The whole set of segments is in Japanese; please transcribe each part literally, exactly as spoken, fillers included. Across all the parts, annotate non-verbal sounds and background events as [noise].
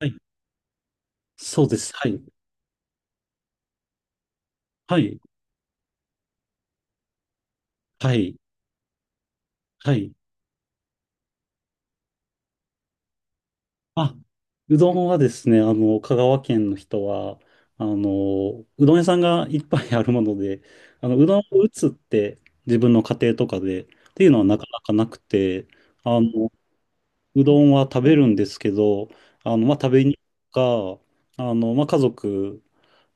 はい。そうです。はい。はい。はい。はい。あ、うどんはですね、あの、香川県の人は、あの、うどん屋さんがいっぱいあるもので、あの、うどんを打つって自分の家庭とかでっていうのはなかなかなくて、あの、うどんは食べるんですけど、あの、まあ、食べに行くか、あの、まあ、家族、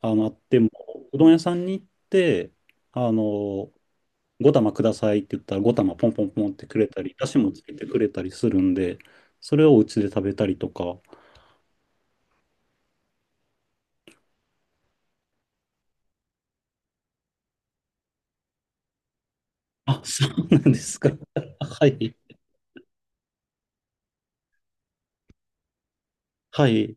あの、あっても、うどん屋さんに行って、あの、ご玉くださいって言ったらご玉ポンポンポンってくれたり、だしもつけてくれたりするんで、それをお家で食べたりとか。あ、そうなんですか。[laughs] はい。はい。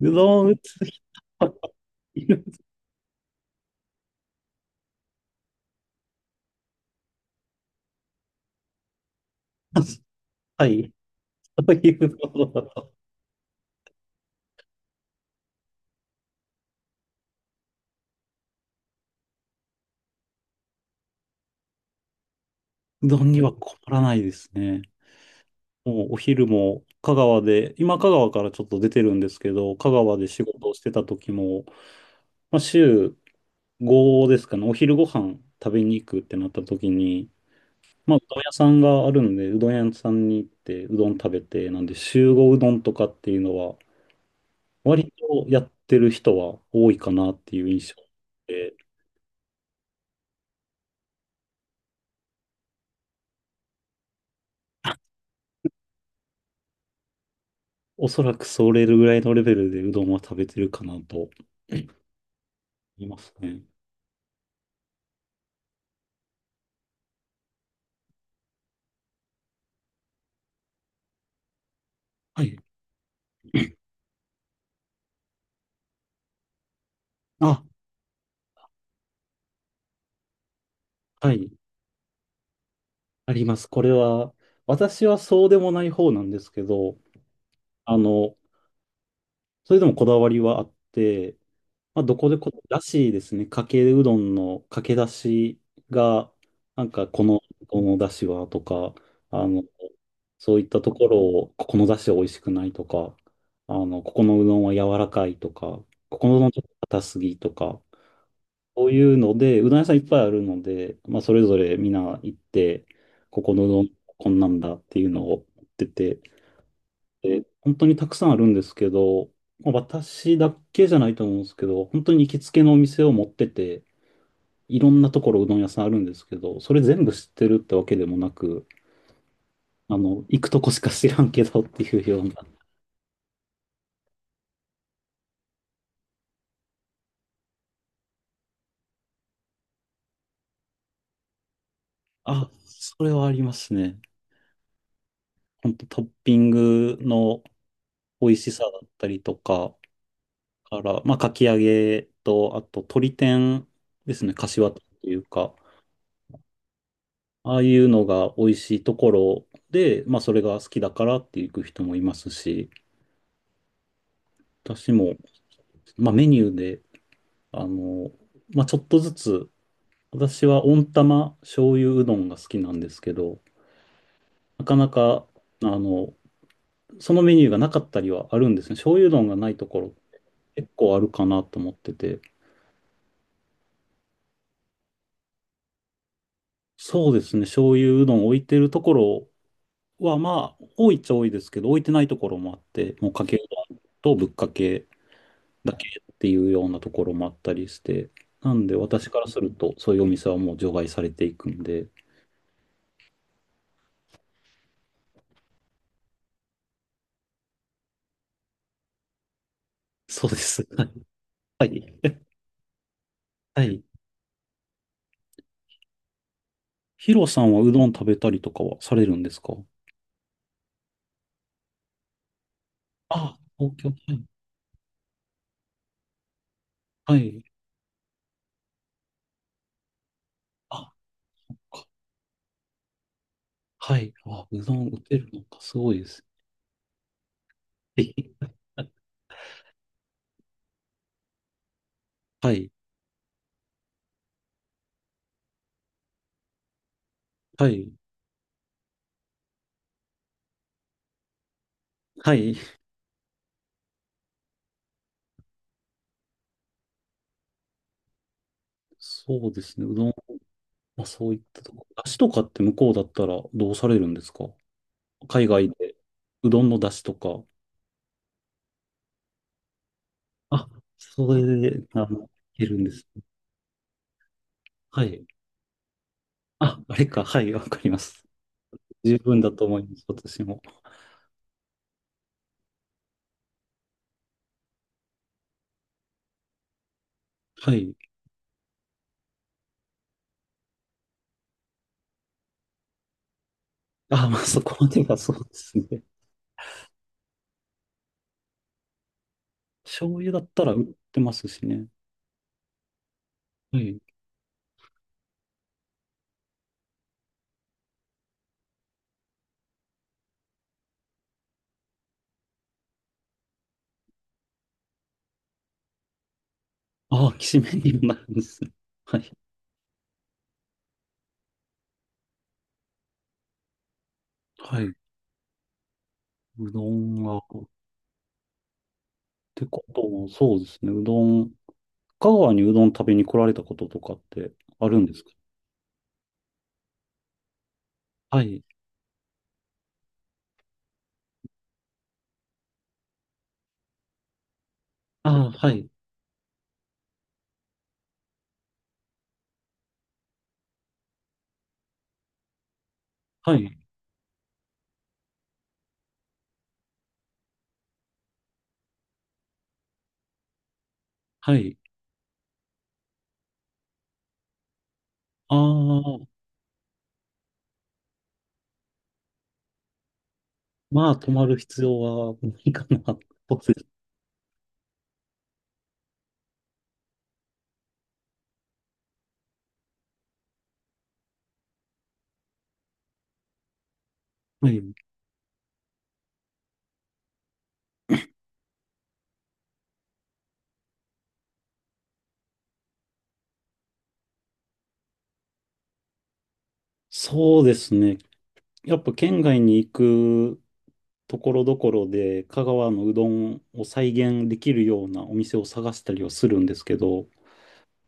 うどん打つ人はいる。はい。そういうことだと。うどんには困らないですね。もうお昼も香川で、今香川からちょっと出てるんですけど、香川で仕事をしてた時も、まあ、週ごですかね、お昼ご飯食べに行くってなった時に、まあ、うどん屋さんがあるので、うどん屋さんに行って、うどん食べて、なんで、集合うどんとかっていうのは、割とやってる人は多いかなっていう印象で、おそらくそれぐらいのレベルでうどんは食べてるかなと思いますね。はい。あ、はい。あります。これは、私はそうでもない方なんですけど、あの、それでもこだわりはあって、まあ、どこでこ、らしいですね。かけうどんのかけだしが、なんかこの、このだしはとか、あの、そういったところを、ここのだしは美味しくないとか、あの、ここのうどんは柔らかいとか、ここのうどんちょっと硬すぎとか、そういうので、うどん屋さんいっぱいあるので、まあ、それぞれみんな行って、ここのうどんこんなんだっていうのを言ってて、え本当にたくさんあるんですけど、まあ私だけじゃないと思うんですけど、本当に行きつけのお店を持ってて、いろんなところうどん屋さんあるんですけど、それ全部知ってるってわけでもなく、あの、行くとこしか知らんけどっていうような。あ、それはありますね。本当トッピングの美味しさだったりとか、から、まあ、かき揚げと、あと、鶏天ですね、柏というか、ああいうのが美味しいところで、まあそれが好きだからって行く人もいますし、私も、まあメニューで、あの、まあちょっとずつ、私は温玉醤油うどんが好きなんですけど、なかなか、あの、そのメニューがなかったりはあるんですね。醤油うどんがないところ結構あるかなと思ってて。そうですね、醤油うどん置いてるところは、まあ多いっちゃ多いですけど、置いてないところもあって、もうかけうどんとぶっかけだけっていうようなところもあったりして、なんで私からすると、そういうお店はもう除外されていくんで、そうです。[laughs] はい。はい。はい。ヒロさんはうどん食べたりとかはされるんですか？あ、東京。はい。はい。あ、かはい。あ、うどん打てるのか、すごいです。[laughs] えはい。はい。はい。そうですね。うどん、まあ、そういったとこ。出汁とかって向こうだったらどうされるんですか？海外で。うどんの出汁とか。あ、それで、あの、いけるんです。はい。あ、あれか。はい、わかります。十分だと思います、私も。はい。あ、まあ、そこまでがそうですね。醤油だったら売ってますしね。はい。あ、きしめんにもなるんですね。はい。はい。うどんは、ってことも、そうですね。うどん、香川にうどん食べに来られたこととかってあるんですか？はい。あ、はい。はい。はい。ああ、まあ、泊まる必要はないかな。はい。そうですね。やっぱ県外に行くところどころで香川のうどんを再現できるようなお店を探したりはするんですけど、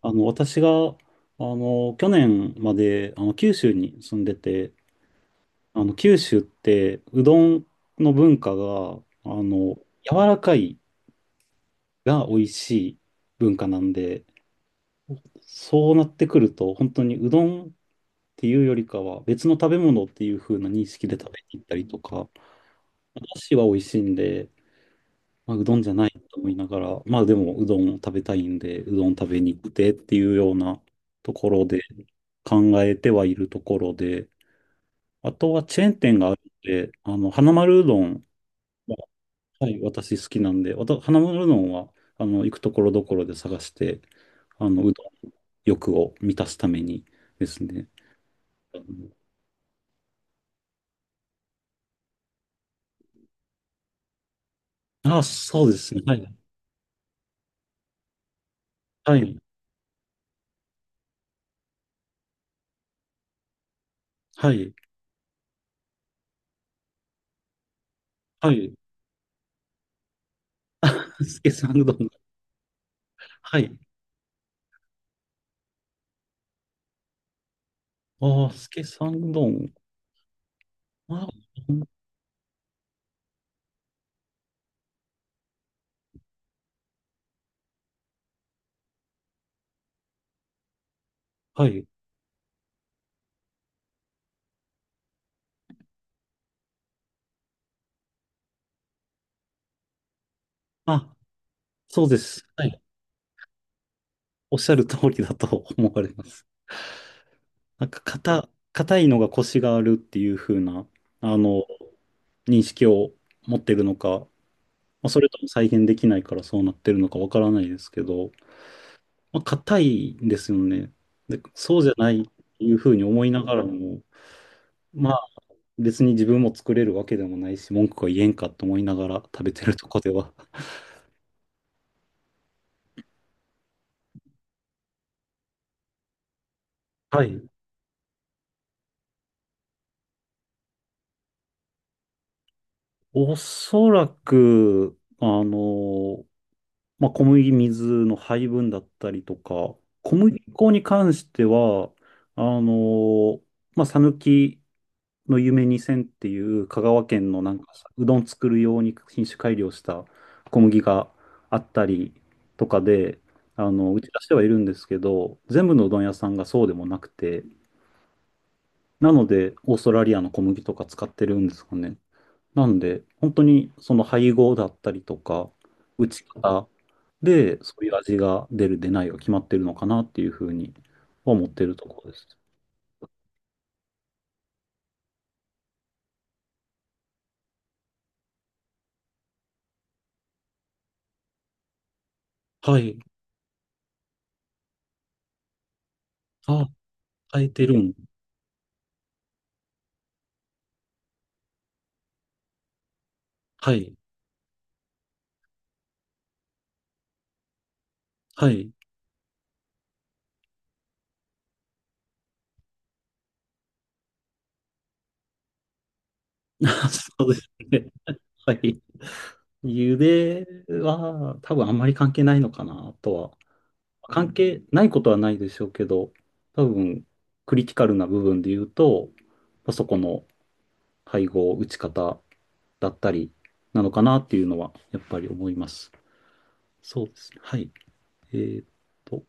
あの、私が、あの、去年まで、あの、九州に住んでて、あの、九州ってうどんの文化が、あの、柔らかいが美味しい文化なんで、そうなってくると、本当にうどんっていうよりかは別の食べ物っていう風な認識で食べに行ったりとか、お出汁は美味しいんで、まあ、うどんじゃないと思いながら、まあでもうどんを食べたいんで、うどん食べに行ってっていうようなところで考えてはいるところで、あとはチェーン店があるんで、あの、花丸うどんは、はい、私好きなんで、わた花丸うどんは、あの、行くところどころで探して、あの、うどん欲を満たすためにですね。ああ、そうですね。はい。はい。はい。はい。[laughs] あ、スケさんうどん。はい。ああ、スケさんうどん。あ、はい。あ、そうです。はい。おっしゃる通りだと [laughs] 思われます。なんか、硬、硬いのが腰があるっていう風な、あの、認識を持ってるのか、まあ、それとも再現できないからそうなってるのかわからないですけど、まあ、硬いんですよね。で、そうじゃないっていう風に思いながらも、まあ、別に自分も作れるわけでもないし、文句は言えんかと思いながら [laughs] 食べてるとこでは。はい。おそらく、あの、まあ、小麦、水の配分だったりとか、小麦粉に関しては、あのーまあ、讃岐の夢にせんっていう香川県のなんかうどん作る用に品種改良した小麦があったりとかで、あの、打ち出してはいるんですけど、全部のうどん屋さんがそうでもなくて、なので、オーストラリアの小麦とか使ってるんですかね。なんで、本当にその配合だったりとか、打ち方で、そういう味が出る、出ないが決まってるのかなっていうふうには思ってるところです。はい。あ、変えてるん。はい。はい。[laughs] そうですね。はい。茹では多分あんまり関係ないのかなとは。関係ないことはないでしょうけど、多分クリティカルな部分で言うと、まあそこの配合、打ち方だったりなのかなっていうのはやっぱり思います。そうですね。はい。えーっと。